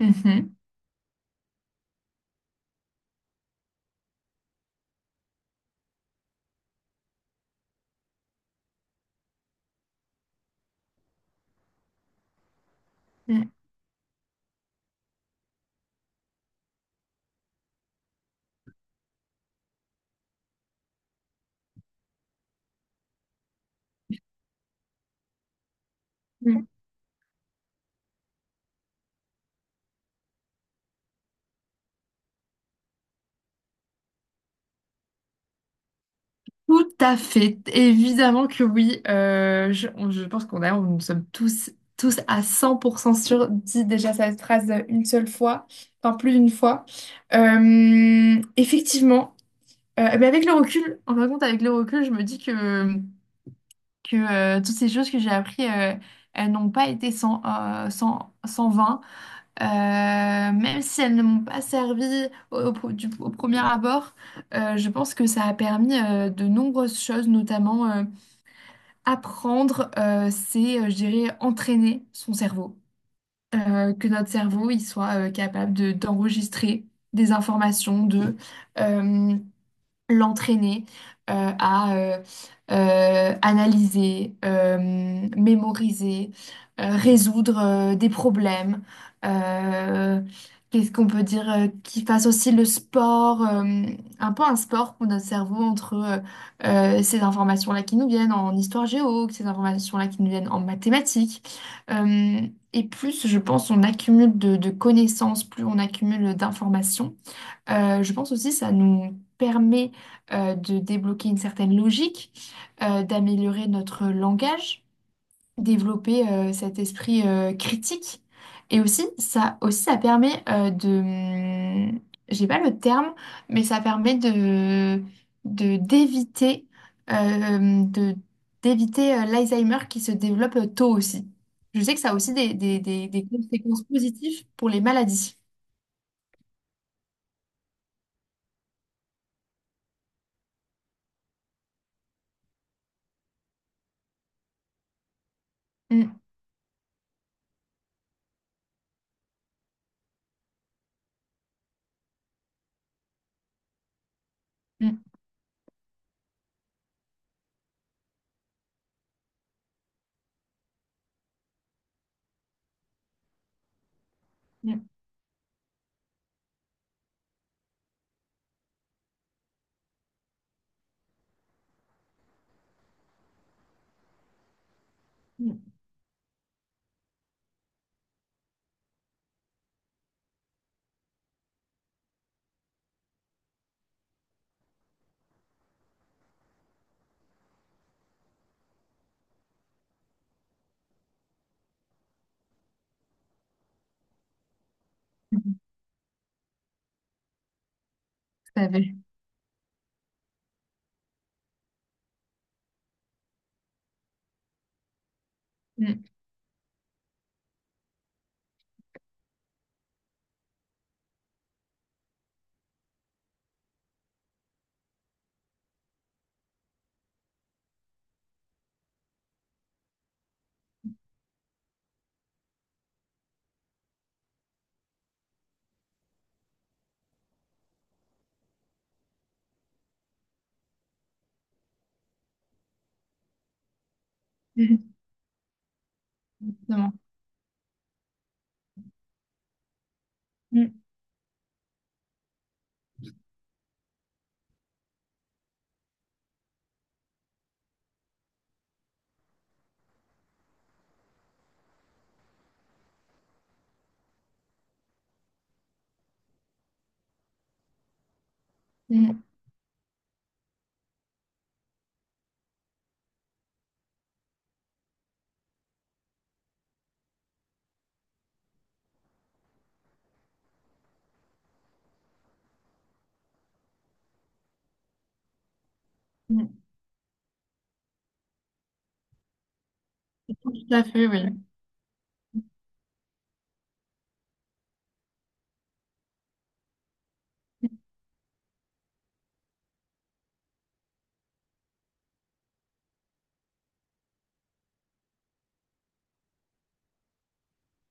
Mhm, mhm, mhm. Tout à fait. Évidemment que oui. Je pense nous sommes tous à 100% sûrs, dit déjà cette phrase une seule fois, enfin plus d'une fois. Effectivement, mais avec le recul, en fin de compte, avec le recul, je me dis que, toutes ces choses que j'ai apprises, elles n'ont pas été sans, sans vain. Même si elles ne m'ont pas servi au premier abord, je pense que ça a permis de nombreuses choses, notamment apprendre, je dirais, entraîner son cerveau. Que notre cerveau, il soit capable d'enregistrer des informations, l'entraîner à analyser, mémoriser, résoudre des problèmes. euh, Qu'est-ce qu'on peut dire qu'il fasse aussi le sport, un peu un sport pour notre cerveau entre ces informations-là qui nous viennent en histoire géo, ces informations-là qui nous viennent en mathématiques. Euh, et plus, je pense, on accumule de connaissances, plus on accumule d'informations. Je pense aussi que ça nous permet de débloquer une certaine logique, d'améliorer notre langage, développer cet esprit critique. Et aussi, ça permet j'ai pas le terme, mais ça permet d'éviter, euh, hmm, de, d'éviter l'Alzheimer qui se développe tôt aussi. Je sais que ça a aussi des conséquences positives pour les maladies. Mm, mm, mm, mm. Tout à fait. Mmh. Exactement. Mmh. Mmh. Mmh. Tout à fait, oui.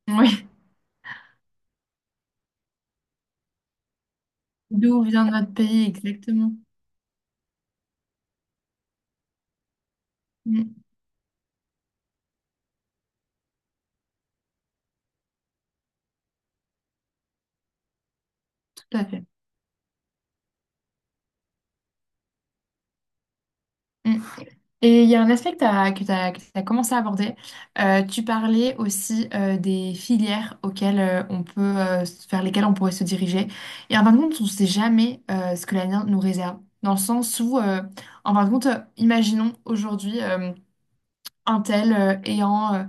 Oui, d'où vient notre pays exactement. Mm, tout à fait. Mm. Et il y a un aspect que tu as, que t'as commencé à aborder. Tu parlais aussi des filières auxquelles on peut, vers lesquelles on pourrait se diriger. Et en fin de compte, on ne sait jamais ce que l'avenir nous réserve. Dans le sens où, en fin de compte, imaginons aujourd'hui un tel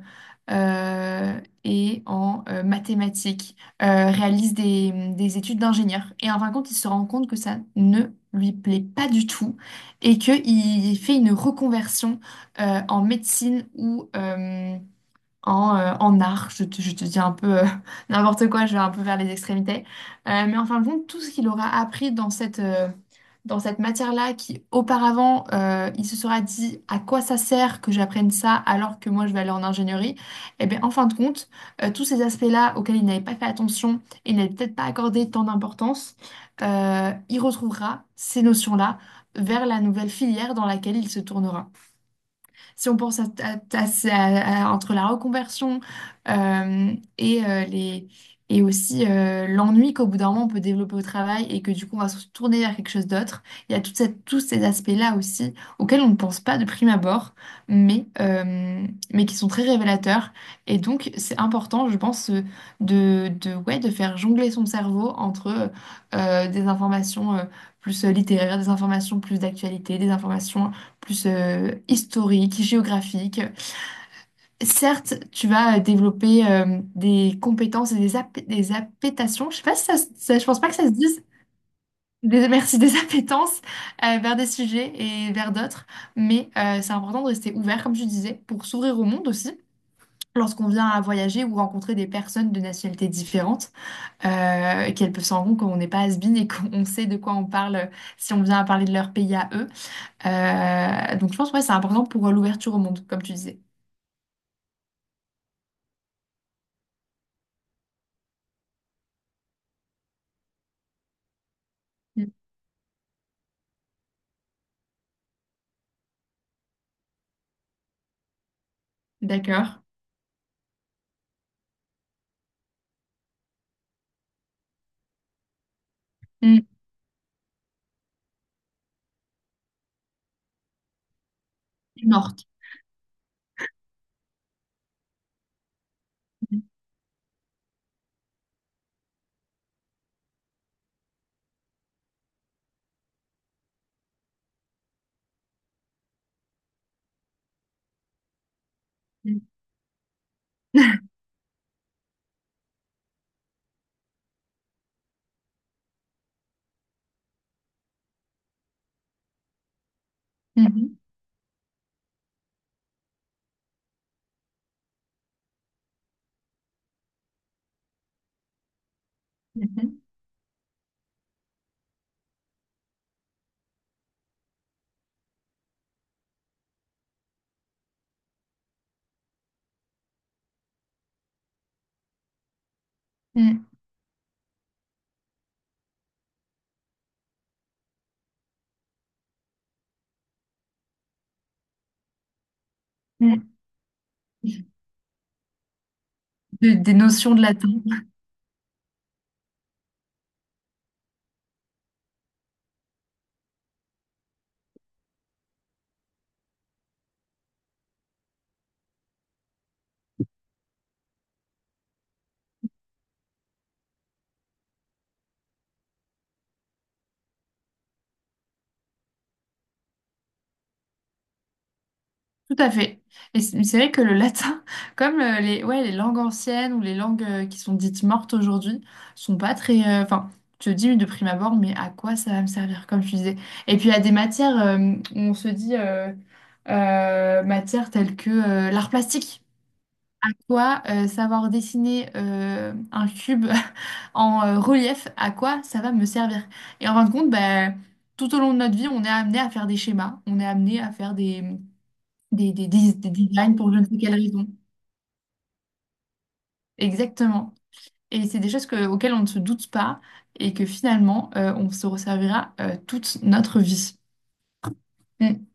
et en mathématiques, réalise des études d'ingénieur. Et en fin de compte, il se rend compte que ça ne lui plaît pas du tout et qu'il fait une reconversion en médecine ou en art. Je te dis un peu n'importe quoi, je vais un peu vers les extrémités. Mais en fin de compte, tout ce qu'il aura appris dans cette matière-là, qui auparavant, il se sera dit à quoi ça sert que j'apprenne ça alors que moi je vais aller en ingénierie, et bien en fin de compte, tous ces aspects-là auxquels il n'avait pas fait attention, il n'avait peut-être pas accordé tant d'importance, il retrouvera ces notions-là vers la nouvelle filière dans laquelle il se tournera. Si on pense entre la reconversion euh, et, euh, les, et aussi l'ennui qu'au bout d'un moment on peut développer au travail et que du coup on va se tourner vers quelque chose d'autre, il y a tous ces aspects-là aussi auxquels on ne pense pas de prime abord, mais, euh, mais qui sont très révélateurs. Et donc c'est important, je pense, ouais, de faire jongler son cerveau entre des informations plus littéraires, des informations plus d'actualité, des informations plus historique, géographique. Certes, tu vas développer des compétences et des appétations. Je sais pas si je pense pas que ça se dise. Merci, des appétences vers des sujets et vers d'autres. Mais c'est important de rester ouvert, comme tu disais, pour s'ouvrir au monde aussi. Lorsqu'on vient à voyager ou rencontrer des personnes de nationalités différentes, qu'elles peuvent se rendre compte qu'on n'est pas has-been et qu'on sait de quoi on parle si on vient à parler de leur pays à eux. Donc je pense ouais, c'est important pour l'ouverture au monde, comme tu disais. Mm. D'accord. Mm. Morte. Mm. Mm. Mhm. Mhm. Mhm. Mhm. Des notions de latin. Tout à fait. Et c'est vrai que le latin, comme les, ouais, les langues anciennes ou les langues qui sont dites mortes aujourd'hui, sont pas très. Enfin, tu te dis de prime abord, mais à quoi ça va me servir, comme tu disais. Et puis il y a des matières où on se dit matières telles que l'art plastique. Toi, savoir dessiner un cube en relief, à quoi ça va me servir? Et en fin de compte, bah, tout au long de notre vie, on est amené à faire des schémas, on est amené à faire des designs pour je ne sais quelle raison. Exactement. Et c'est des choses auxquelles on ne se doute pas et que finalement, on se resservira toute notre vie. Mm.